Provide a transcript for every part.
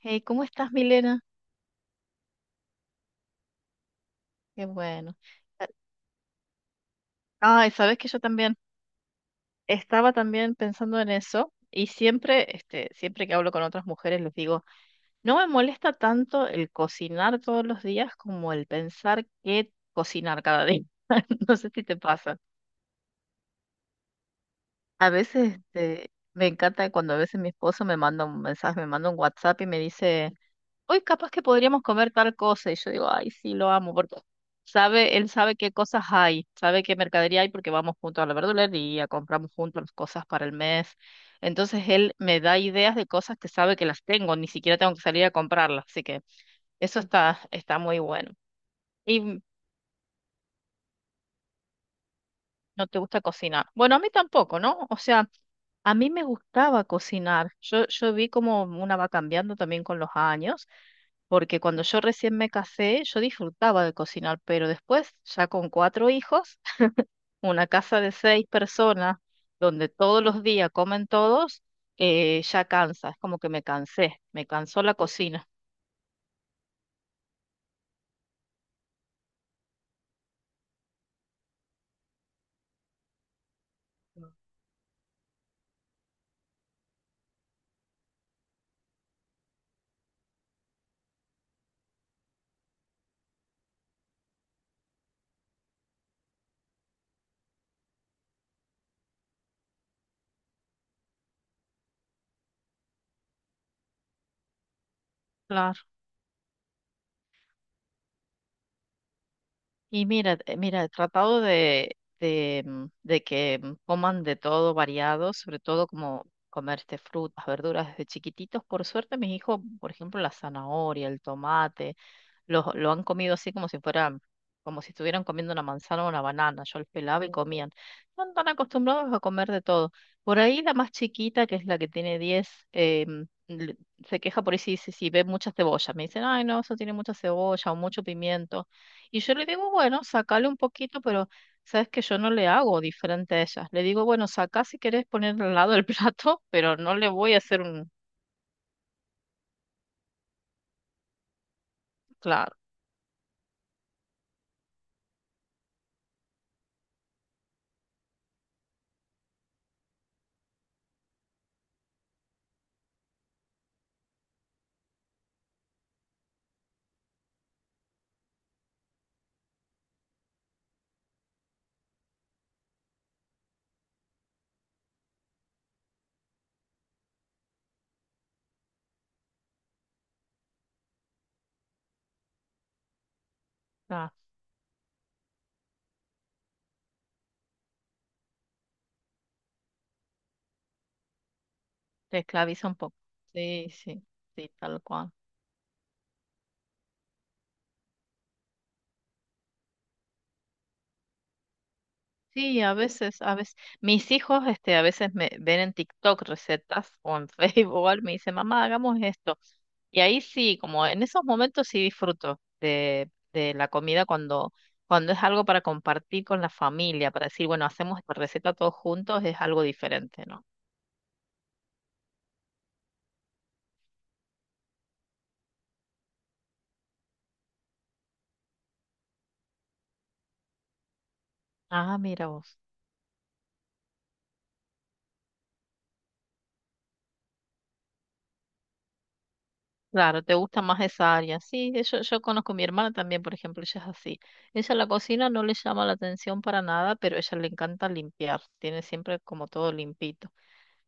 Hey, ¿cómo estás, Milena? Qué bueno. Ah, Ay, sabes que yo también estaba también pensando en eso y siempre que hablo con otras mujeres les digo, no me molesta tanto el cocinar todos los días como el pensar qué cocinar cada día. No sé si te pasa. A veces, me encanta cuando a veces mi esposo me manda un mensaje, me manda un WhatsApp y me dice hoy capaz que podríamos comer tal cosa. Y yo digo, ay, sí, lo amo, porque sabe, él sabe qué cosas hay, sabe qué mercadería hay porque vamos juntos a la verdulería, compramos juntos las cosas para el mes. Entonces él me da ideas de cosas que sabe que las tengo, ni siquiera tengo que salir a comprarlas. Así que eso está, está muy bueno. Y no te gusta cocinar. Bueno, a mí tampoco, ¿no? O sea, a mí me gustaba cocinar. Yo vi como una va cambiando también con los años, porque cuando yo recién me casé, yo disfrutaba de cocinar, pero después, ya con cuatro hijos, una casa de seis personas, donde todos los días comen todos, ya cansa, es como que me cansé, me cansó la cocina. Y mira, he tratado de que coman de todo variado, sobre todo como comer frutas, verduras desde chiquititos. Por suerte, mis hijos, por ejemplo, la zanahoria, el tomate, lo han comido así como si fueran, como si estuvieran comiendo una manzana o una banana. Yo los pelaba y comían. No están tan acostumbrados a comer de todo. Por ahí la más chiquita, que es la que tiene 10, le- se queja por ahí si ve mucha cebolla. Me dicen, ay, no, eso tiene mucha cebolla o mucho pimiento. Y yo le digo, bueno, sacale un poquito, pero sabes que yo no le hago diferente a ella. Le digo, bueno, sacá si querés poner al lado el plato, pero no le voy a hacer un. Claro, claro, te esclaviza un poco. Sí, sí, sí, tal cual. Sí, a veces, mis hijos, a veces me ven en TikTok recetas o en Facebook, o algo, me dicen, mamá, hagamos esto. Y ahí sí, como en esos momentos sí disfruto de la comida cuando, cuando es algo para compartir con la familia, para decir, bueno, hacemos esta receta todos juntos, es algo diferente, ¿no? Ah, mira vos. Claro, te gusta más esa área. Sí, yo conozco a mi hermana también, por ejemplo, ella es así. Ella la cocina no le llama la atención para nada, pero a ella le encanta limpiar, tiene siempre como todo limpito.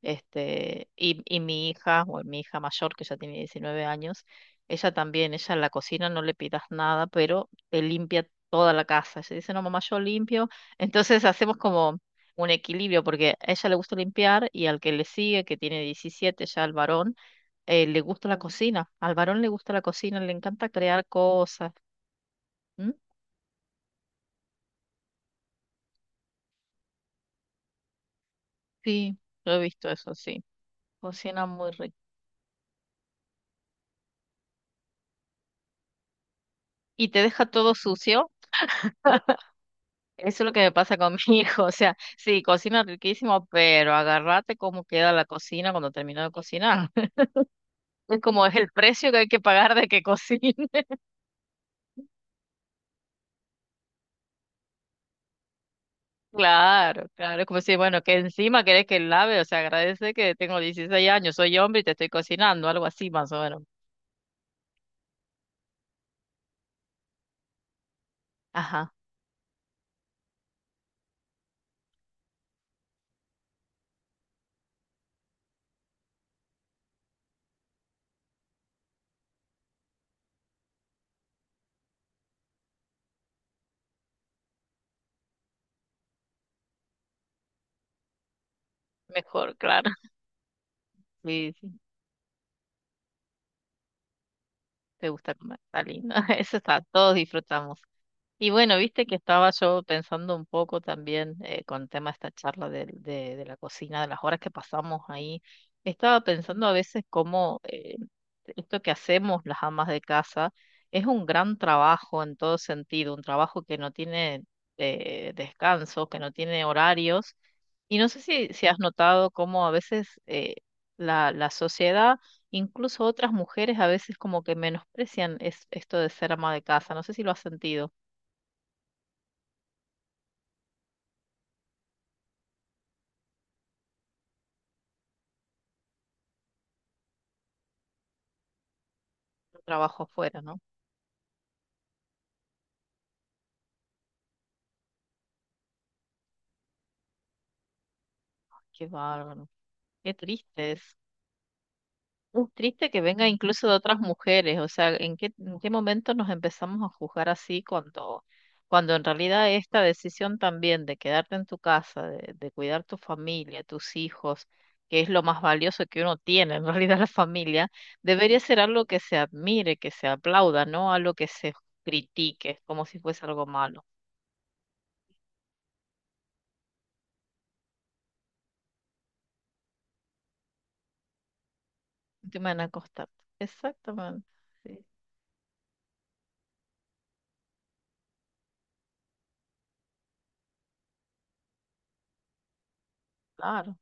Y mi hija, o mi hija mayor, que ya tiene 19 años, ella también, ella en la cocina no le pidas nada, pero te limpia toda la casa. Ella dice, no, mamá, yo limpio. Entonces hacemos como un equilibrio, porque a ella le gusta limpiar y al que le sigue, que tiene 17 ya, el varón, le gusta la cocina. Al varón le gusta la cocina, le encanta crear cosas. ¿Mm? Sí, yo he visto eso, sí. Cocina muy rico. ¿Y te deja todo sucio? Eso es lo que me pasa con mi hijo. O sea, sí, cocina riquísimo, pero agárrate cómo queda la cocina cuando termino de cocinar. Es como es el precio que hay que pagar de que cocine. Claro, claro. Es como si, bueno, que encima querés que lave. O sea, agradece que tengo 16 años, soy hombre y te estoy cocinando, algo así más o menos. Ajá, mejor, claro. Sí, sí. Te gusta comer, está lindo. Eso está, todos disfrutamos. Y bueno, viste que estaba yo pensando un poco también con el tema de esta charla de la cocina, de las horas que pasamos ahí. Estaba pensando a veces cómo esto que hacemos las amas de casa es un gran trabajo en todo sentido, un trabajo que no tiene descanso, que no tiene horarios. Y no sé si has notado cómo a veces la sociedad, incluso otras mujeres, a veces como que menosprecian esto de ser ama de casa. No sé si lo has sentido. Trabajo afuera, ¿no? Qué bárbaro, qué triste es. Es triste que venga incluso de otras mujeres, o sea, ¿en qué momento nos empezamos a juzgar así cuando en realidad esta decisión también de quedarte en tu casa, de cuidar tu familia, tus hijos, que es lo más valioso que uno tiene, en realidad la familia, debería ser algo que se admire, que se aplauda, no algo que se critique como si fuese algo malo. No te van a costar. Exactamente. Sí, claro.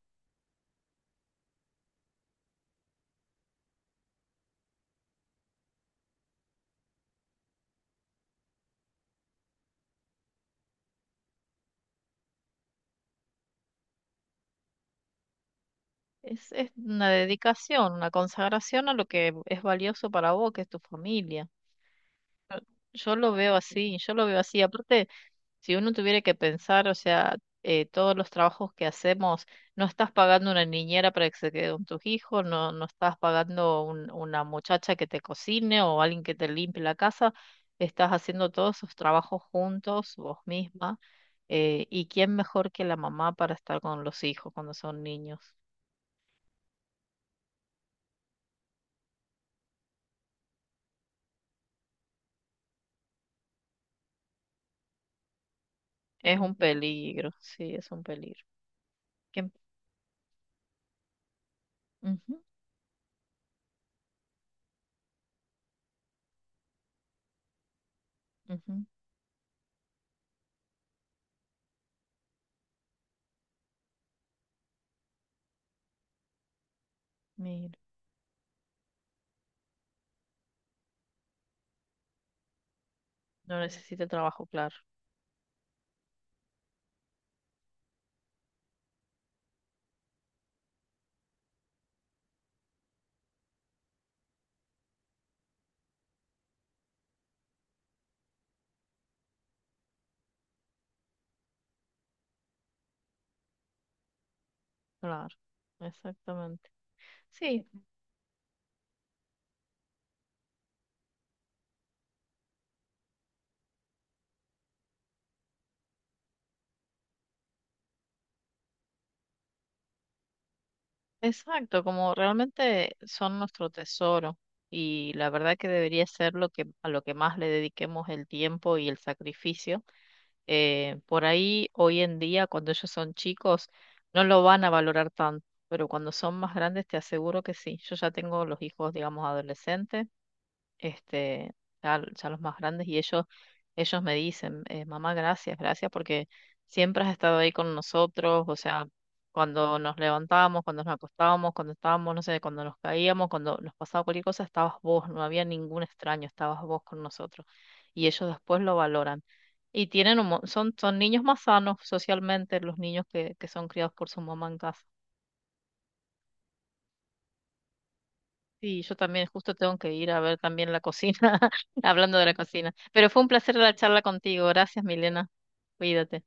Es una dedicación, una consagración a lo que es valioso para vos, que es tu familia. Yo lo veo así, yo lo veo así. Aparte, si uno tuviera que pensar, o sea, todos los trabajos que hacemos, no estás pagando una niñera para que se quede con tus hijos, no, no estás pagando una muchacha que te cocine o alguien que te limpie la casa, estás haciendo todos esos trabajos juntos, vos misma. ¿Y quién mejor que la mamá para estar con los hijos cuando son niños? Es un peligro, sí, es un peligro. Que- Ujú, ujú, mira, no necesita trabajo, claro, claro, exactamente. Sí, exacto, como realmente son nuestro tesoro y la verdad que debería ser a lo que más le dediquemos el tiempo y el sacrificio. Por ahí, hoy en día, cuando ellos son chicos, no lo van a valorar tanto, pero cuando son más grandes, te aseguro que sí. Yo ya tengo los hijos, digamos, adolescentes. este, ya los más grandes, y ellos me dicen, mamá, gracias, gracias porque siempre has estado ahí con nosotros, o sea, cuando nos levantábamos, cuando nos acostábamos, cuando estábamos, no sé, cuando nos caíamos, cuando nos pasaba cualquier cosa, estabas vos, no había ningún extraño, estabas vos con nosotros. Y ellos después lo valoran. Y tienen son niños más sanos socialmente, los niños que son criados por su mamá en casa. Sí, yo también justo tengo que ir a ver también la cocina, hablando de la cocina. Pero fue un placer la charla contigo. Gracias, Milena. Cuídate.